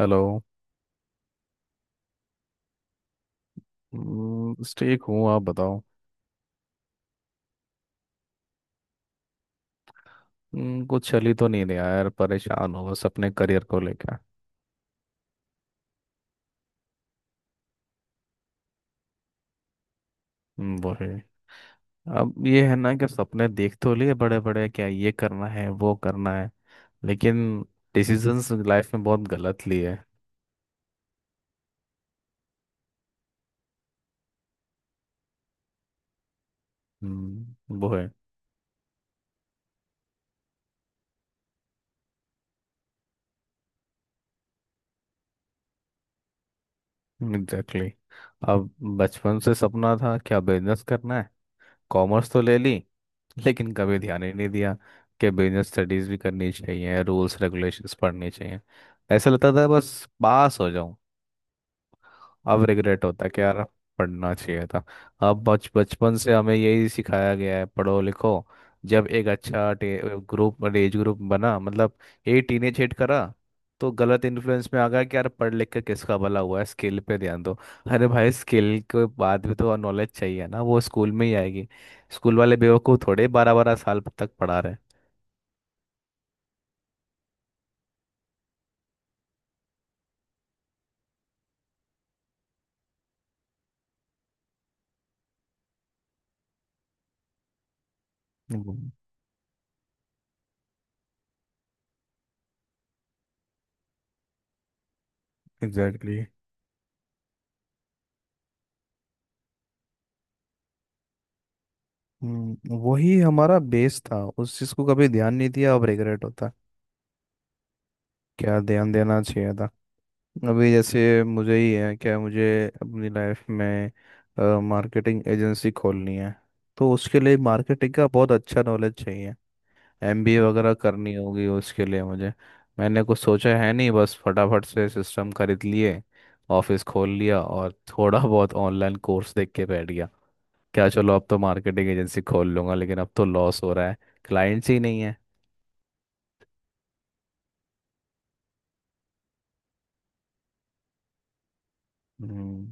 Hello. बस ठीक हूँ। आप बताओ। कुछ चल ही तो नहीं रहा यार। परेशान हो बस अपने करियर को लेकर। वो है। अब ये है ना कि सपने देख तो लिए बड़े बड़े, क्या ये करना है वो करना है। लेकिन डिसीजंस लाइफ में बहुत गलत लिए। वो है। Exactly exactly। अब बचपन से सपना था क्या, बिजनेस करना है। कॉमर्स तो ले ली। लेकिन कभी ध्यान ही नहीं दिया कि बिजनेस स्टडीज भी करनी चाहिए, रूल्स रेगुलेशंस पढ़नी चाहिए। ऐसा लगता था बस पास हो। अब रिग्रेट होता है कि यार पढ़ना चाहिए था। अब बच बचपन से हमें यही सिखाया गया है, पढ़ो लिखो। जब एक अच्छा ग्रुप एज ग्रुप बना मतलब, ये टीनेज हिट करा तो गलत इन्फ्लुएंस में आ गया कि यार पढ़ लिख के किसका भला हुआ है, स्किल पे ध्यान दो। अरे भाई स्किल के बाद भी तो नॉलेज चाहिए ना, वो स्कूल में ही आएगी। स्कूल वाले बेवकूफ़ थोड़े 12 12 साल तक पढ़ा रहे हैं। Exactly exactly। वही हमारा बेस था, उस चीज को कभी ध्यान नहीं दिया। अब रिग्रेट होता है क्या, ध्यान देना चाहिए था। अभी जैसे मुझे ही है, क्या मुझे अपनी लाइफ में मार्केटिंग एजेंसी खोलनी है, तो उसके लिए मार्केटिंग का बहुत अच्छा नॉलेज चाहिए। एमबीए वगैरह करनी होगी उसके लिए मुझे। मैंने कुछ सोचा है नहीं, बस फटाफट से सिस्टम खरीद लिए। ऑफिस खोल लिया और थोड़ा बहुत ऑनलाइन कोर्स देख के बैठ गया। क्या चलो, अब तो मार्केटिंग एजेंसी खोल लूंगा लेकिन अब तो लॉस हो रहा है। क्लाइंट्स ही नहीं है। हम्म।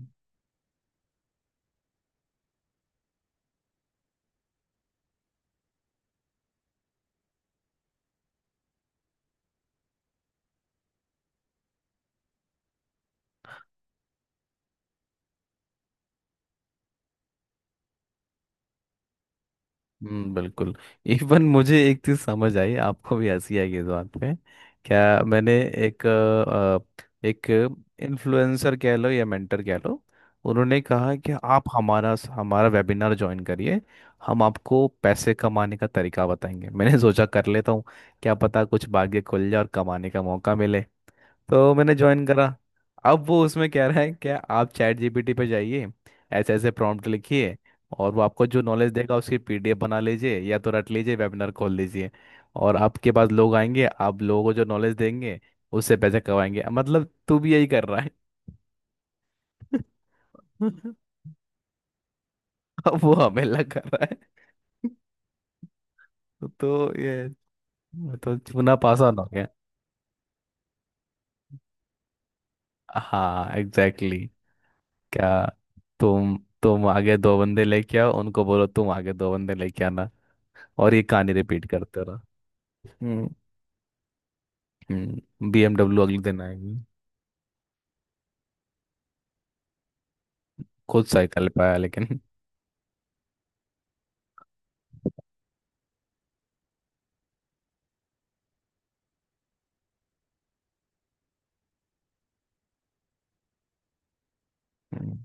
बिल्कुल। इवन मुझे एक चीज समझ आई, आपको भी हंसी आएगी इस बात पे। क्या, मैंने एक एक इन्फ्लुएंसर कह लो या मेंटर कह लो, उन्होंने कहा कि आप हमारा हमारा वेबिनार ज्वाइन करिए। हम आपको पैसे कमाने का तरीका बताएंगे। मैंने सोचा कर लेता हूँ, क्या पता कुछ भाग्य खुल जाए और कमाने का मौका मिले। तो मैंने ज्वाइन करा। अब वो उसमें कह रहा है कि आप चैट जीपीटी पे जाइए, ऐसे ऐसे प्रॉम्प्ट लिखिए और वो आपको जो नॉलेज देगा उसकी पीडीएफ बना लीजिए या तो रट लीजिए, वेबिनार खोल लीजिए और आपके पास लोग आएंगे, आप लोगों को जो नॉलेज देंगे उससे पैसे कमाएंगे। मतलब तू भी यही कर रहा है। अब वो हमें लग कर रहा है। तो ये तो चूना पासा हो गया। हाँ, एग्जैक्टली exactly। क्या तुम तुम आगे दो बंदे लेके आओ, उनको बोलो तुम आगे दो बंदे लेके आना, और ये कहानी रिपीट करते रहा। हम्म। बीएमडब्ल्यू अगले दिन आएगी। खुद साइकिल पे आया लेकिन। हम्म।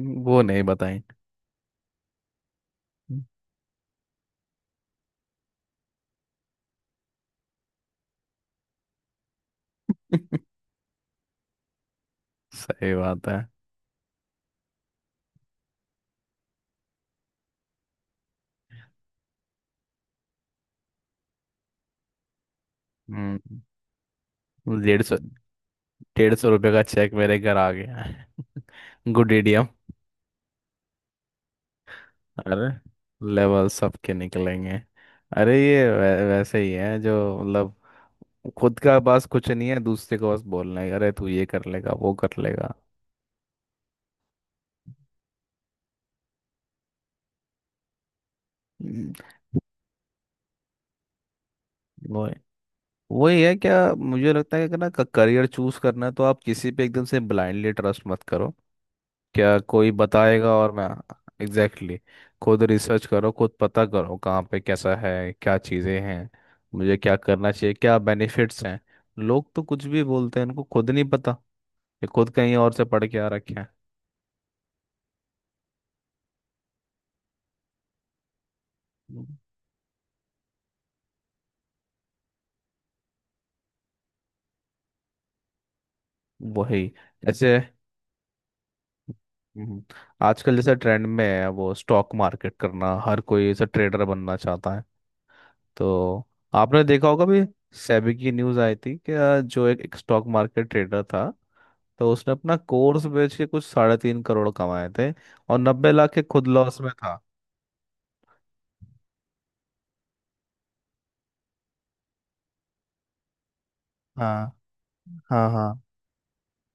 वो नहीं बताई। सही बात है। हम्म। डेढ़ सौ डेढ़ सौ रुपये का चेक मेरे घर आ गया है गुड एडीएम। अरे, लेवल सबके निकलेंगे। अरे ये वैसे ही है, जो मतलब खुद का पास कुछ नहीं है, दूसरे को बस बोलना है अरे तू ये कर लेगा वो कर लेगा। हम्म। वो है। वही है क्या, मुझे लगता है कि अगर ना करियर चूज करना है, तो आप किसी पे एकदम से ब्लाइंडली ट्रस्ट मत करो। क्या कोई बताएगा और मैं एग्जैक्टली exactly, खुद रिसर्च करो खुद पता करो कहाँ पे कैसा है, क्या चीज़ें हैं, मुझे क्या करना चाहिए, क्या बेनिफिट्स हैं। लोग तो कुछ भी बोलते हैं, उनको खुद नहीं पता, ये खुद कहीं और से पढ़ के आ रखे हैं। वही, ऐसे। हम्म, आजकल जैसा ट्रेंड में है वो स्टॉक मार्केट करना, हर कोई ऐसा ट्रेडर बनना चाहता है। तो आपने देखा होगा भी, सेबी की न्यूज़ आई थी कि जो एक स्टॉक मार्केट ट्रेडर था, तो उसने अपना कोर्स बेच के कुछ 3.5 करोड़ कमाए थे और 90 लाख के खुद लॉस में था। हाँ, हाँ। हाँ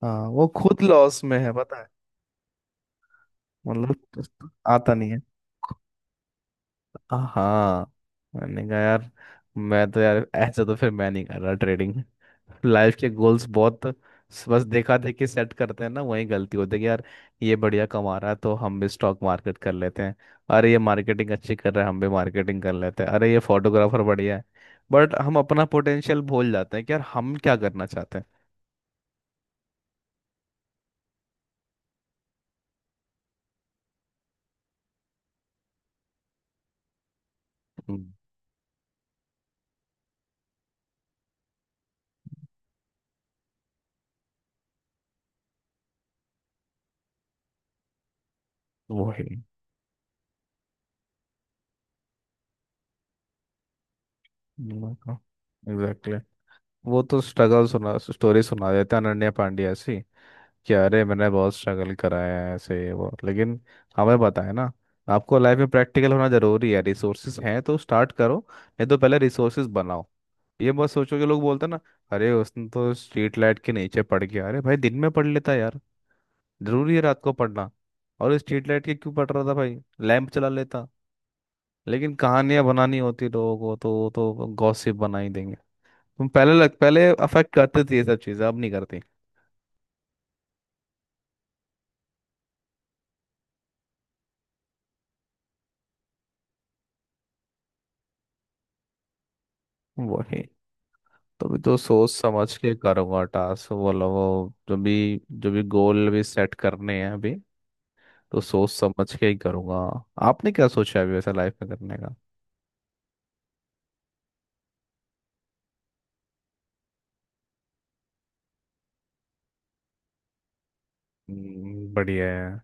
हाँ, वो खुद लॉस में है पता है। मतलब आता नहीं है। हाँ हाँ। मैंने कहा यार, मैं तो यार ऐसा तो फिर मैं नहीं कर रहा ट्रेडिंग। लाइफ के गोल्स बहुत बस देखा देखी सेट करते हैं ना, वही गलती होती है कि यार ये बढ़िया कमा रहा है तो हम भी स्टॉक मार्केट कर लेते हैं, अरे ये मार्केटिंग अच्छी कर रहा है हम भी मार्केटिंग कर लेते हैं, अरे ये फोटोग्राफर बढ़िया है। बट हम अपना पोटेंशियल भूल जाते हैं कि यार हम क्या करना चाहते हैं। हम्म, वही। एग्जैक्टली। वो तो स्ट्रगल सुना स्टोरी सुना देते हैं, अनन्या पांड्या ऐसी, कि अरे मैंने बहुत स्ट्रगल कराया है ऐसे ये वो, लेकिन हमें पता है ना, आपको लाइफ में प्रैक्टिकल होना जरूरी है, रिसोर्सेज हैं तो स्टार्ट करो नहीं तो पहले रिसोर्सेज बनाओ। ये मत सोचो कि लोग बोलते हैं ना, अरे उसने तो स्ट्रीट लाइट के नीचे पढ़ गया, अरे भाई दिन में पढ़ लेता यार, जरूरी है रात को पढ़ना? और स्ट्रीट लाइट के क्यों पढ़ रहा था भाई, लैंप चला लेता। लेकिन कहानियां बनानी होती लोगों को, तो वो तो गॉसिप बना ही देंगे। तुम पहले अफेक्ट करते थे ये सब चीजें, अब नहीं करते। वही, तो भी तो सोच समझ के करूंगा, टास्क बोलो वो जो भी गोल भी सेट करने हैं अभी, तो सोच समझ के ही करूंगा। आपने क्या सोचा है अभी वैसे लाइफ में करने का? बढ़िया है।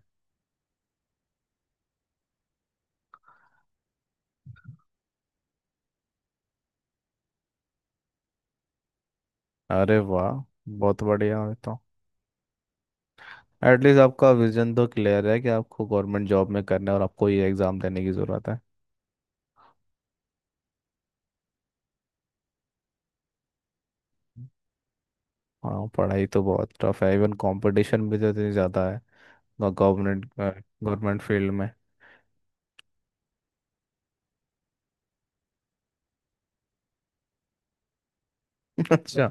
अरे वाह, बहुत बढ़िया है तो। एटलीस्ट आपका विजन तो क्लियर है कि आपको गवर्नमेंट जॉब में करना है और आपको ये एग्ज़ाम देने की ज़रूरत है। हाँ, पढ़ाई तो बहुत टफ है, इवन कंपटीशन भी तो इतनी ज़्यादा है। गवर्नमेंट गवर्नमेंट फील्ड में अच्छा,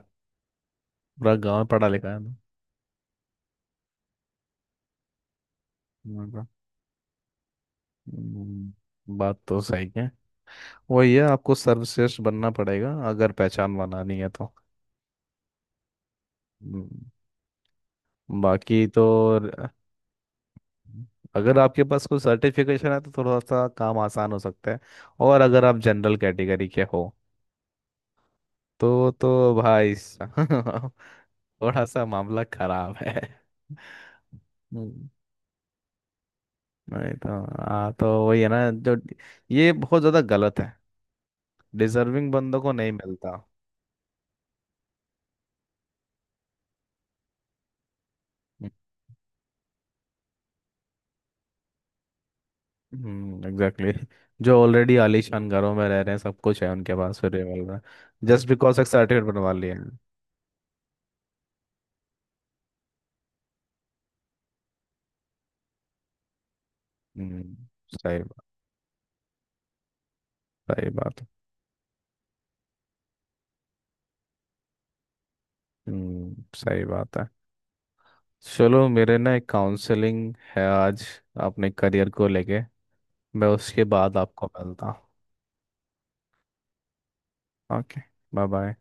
पूरा गांव पढ़ा लिखा है ना। बात तो सही है। वही है, आपको सर्वश्रेष्ठ बनना पड़ेगा अगर पहचान बनानी है तो। हम्म, बाकी तो र- अगर आपके पास कोई सर्टिफिकेशन है तो थोड़ा सा काम आसान हो सकता है, और अगर आप जनरल कैटेगरी के हो तो भाई साहब, थोड़ा सा मामला खराब है। हम्म, नहीं तो हाँ, तो वही है ना जो, ये बहुत ज्यादा गलत है, डिजर्विंग बंदों को नहीं मिलता। हम्म, एग्जैक्टली, जो ऑलरेडी आलीशान घरों में रह रहे हैं, सब कुछ है उनके पास, फिर रिवॉल्वर जस्ट बिकॉज एक सर्टिफिकेट बनवा लिए हैं। हम्म, सही बात। सही बात है। हम्म, सही बात है। चलो मेरे ना एक काउंसलिंग है आज, अपने करियर को लेके, मैं उसके बाद आपको मिलता हूँ। Okay, bye bye.